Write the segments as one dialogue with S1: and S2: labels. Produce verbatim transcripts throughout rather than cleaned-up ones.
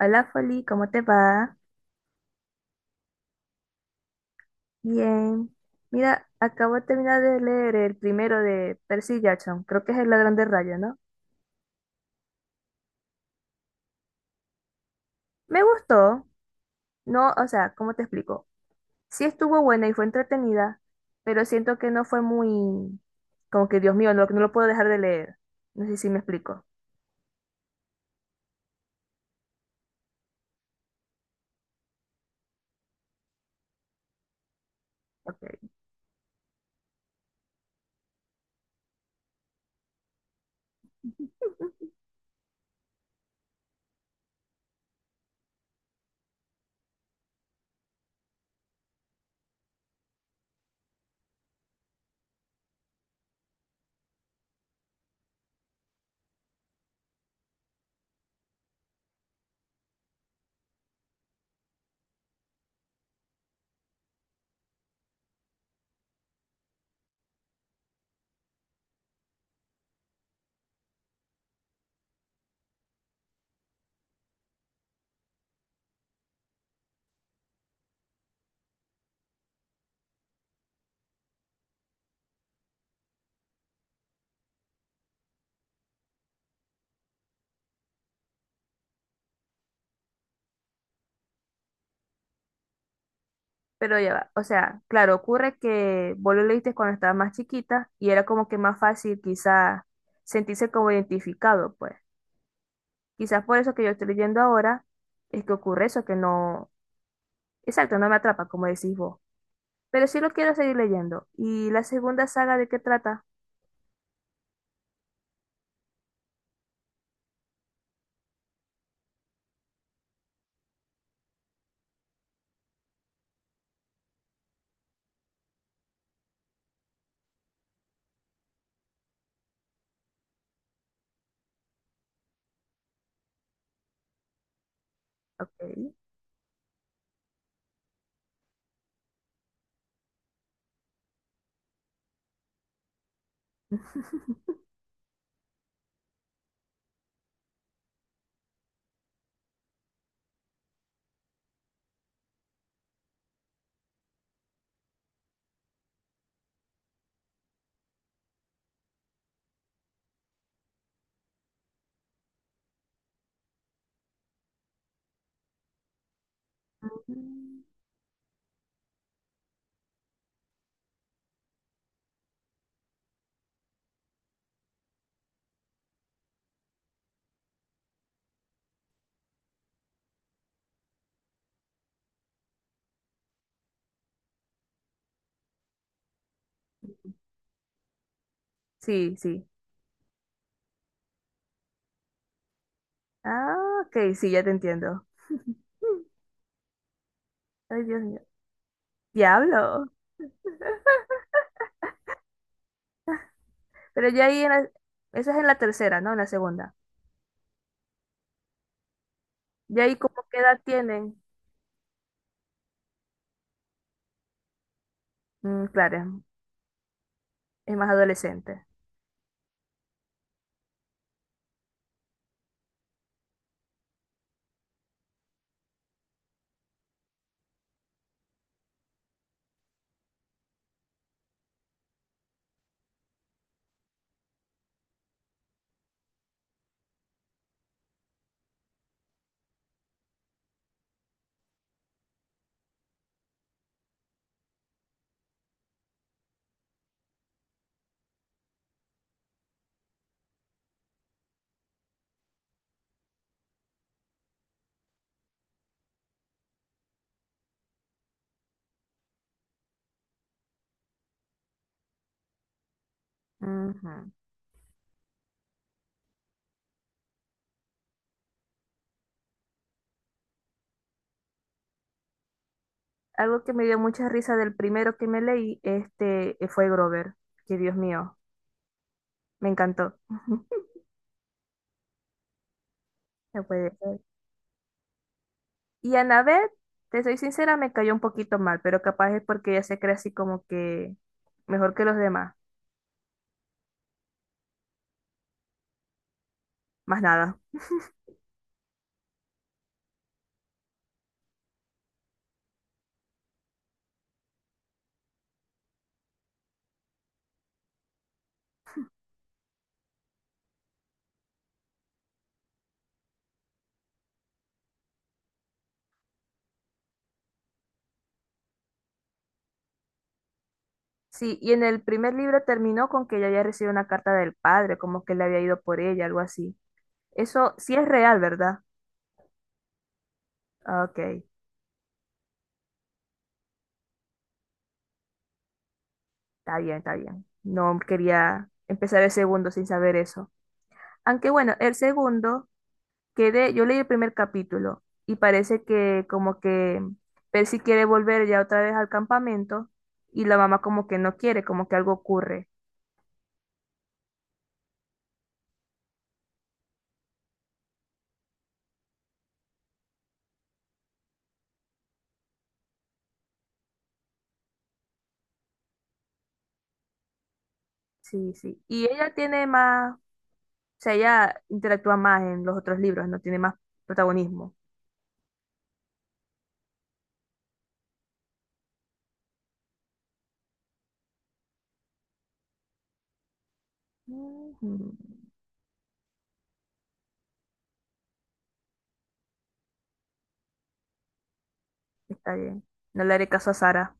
S1: Hola Foli, ¿cómo te va? Bien. Mira, acabo de terminar de leer el primero de Percy Jackson, creo que es El ladrón de rayos, ¿no? Me gustó, no, o sea, ¿cómo te explico? Sí estuvo buena y fue entretenida, pero siento que no fue muy, como que Dios mío, no, no lo puedo dejar de leer. No sé si me explico. Ok. Pero ya va, o sea, claro, ocurre que vos lo leíste cuando estaba más chiquita y era como que más fácil quizá sentirse como identificado, pues. Quizás por eso que yo estoy leyendo ahora es que ocurre eso, que no, exacto, no me atrapa, como decís vos. Pero sí lo quiero seguir leyendo. ¿Y la segunda saga de qué trata? Ok. Mm. Sí, sí. Ah, ok, sí, ya te entiendo. Mm. Ay, Dios mío. Diablo. Pero ya ahí, en la- esa es en la tercera, ¿no? En la segunda. Ya ahí, ¿cómo qué edad tienen? Mm, claro, es, es más adolescente. Ujú. Algo que me dio mucha risa del primero que me leí, este, fue Grover. Que Dios mío. Me encantó. No puede ser. Y Annabeth, te soy sincera, me cayó un poquito mal, pero capaz es porque ella se cree así como que mejor que los demás. Más nada. Sí, y en el primer libro terminó con que ella había recibido una carta del padre, como que le había ido por ella, algo así. Eso sí es real, ¿verdad? Ah, ok, está bien, está bien. No quería empezar el segundo sin saber eso. Aunque bueno, el segundo quedé, yo leí el primer capítulo y parece que como que Percy quiere volver ya otra vez al campamento y la mamá como que no quiere, como que algo ocurre. Sí, sí. Y ella tiene más, o sea, ella interactúa más en los otros libros, no tiene más protagonismo. Ujú. Está bien. No le haré caso a Sara.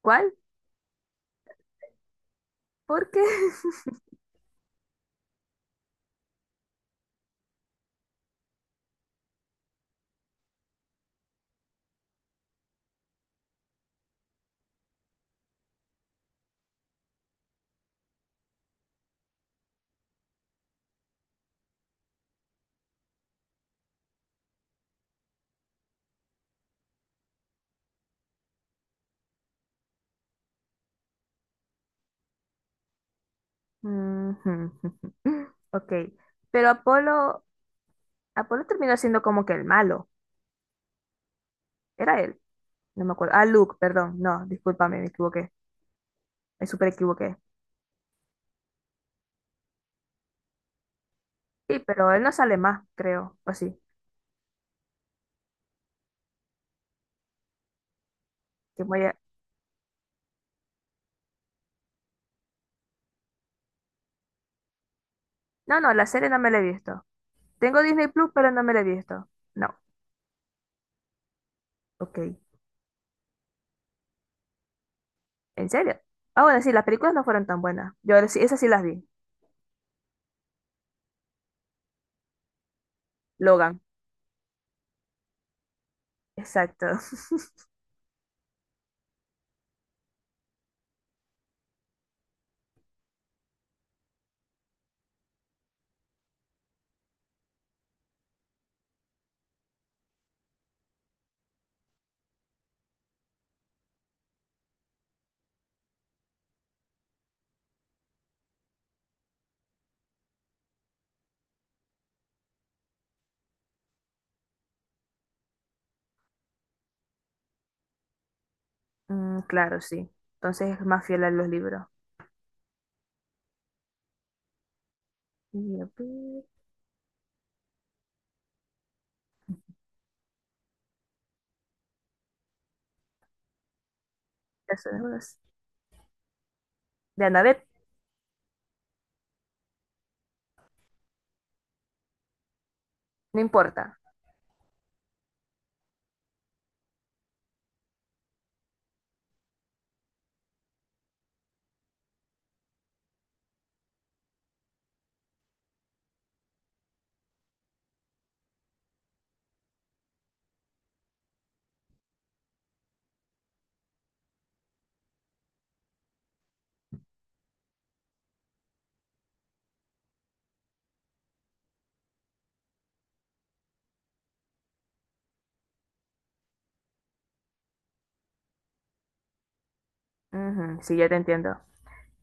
S1: ¿Cuál? ¿Por qué? Ujú. Ok. Pero Apolo, Apolo terminó siendo como que el malo. Era él. No me acuerdo. Ah, Luke, perdón. No, discúlpame, me equivoqué. Me súper equivoqué. Sí, pero él no sale más, creo. O sí. Que voy a- No, no, la serie no me la he visto. Tengo Disney Plus, pero no me la he visto. No. Ok. ¿En serio? Ah, bueno, sí, las películas no fueron tan buenas. Yo sí- esas sí las vi. Logan. Exacto. Mm, claro, sí. Entonces es más fiel a los libros. Y a ver, ya sabemos. De Annabeth, no importa. Ujú, sí, ya te entiendo.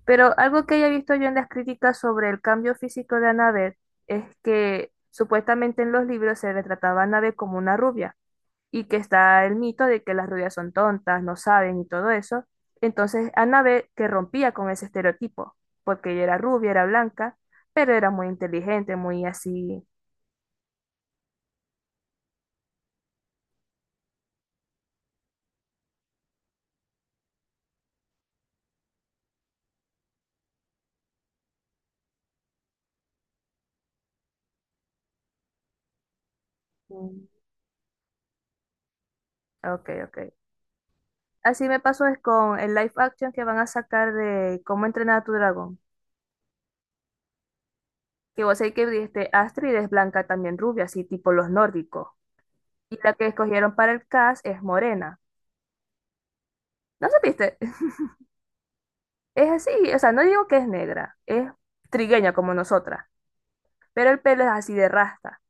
S1: Pero algo que haya visto yo en las críticas sobre el cambio físico de Annabeth es que supuestamente en los libros se retrataba a Annabeth como una rubia y que está el mito de que las rubias son tontas, no saben y todo eso. Entonces Annabeth que rompía con ese estereotipo, porque ella era rubia, era blanca, pero era muy inteligente, muy así. Mm. Ok, ok. Así me pasó es con el live action que van a sacar de Cómo entrenar a tu dragón. Que vos sabés que este Astrid es blanca también rubia, así tipo los nórdicos. Y la que escogieron para el cast es morena. ¿No supiste? Es así, o sea, no digo que es negra, es trigueña como nosotras, pero el pelo es así de rasta.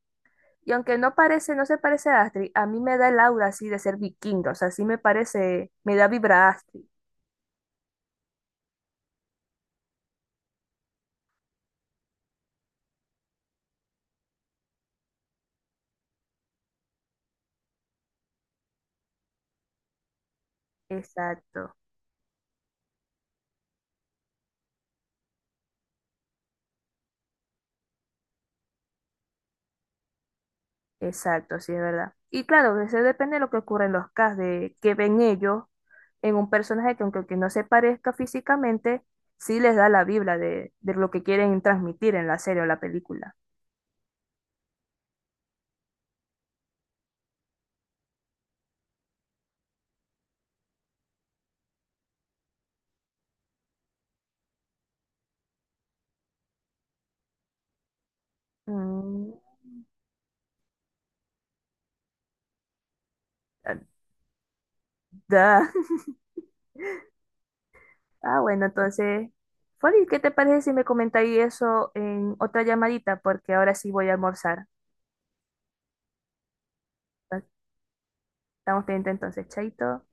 S1: Y aunque no parece, no se parece a Astrid, a mí me da el aura así de ser vikinga, o sea, sí me parece, me da vibra Astrid. Exacto, exacto, sí, es verdad. Y claro, eso depende de lo que ocurre en los casts, de que ven ellos en un personaje que aunque que no se parezca físicamente, sí les da la vibra de, de lo que quieren transmitir en la serie o la película. Mm, ah, da. Ah, bueno, entonces, Foli, ¿qué te parece si me comentáis eso en otra llamadita? Porque ahora sí voy a almorzar. Estamos pendientes entonces, chaito.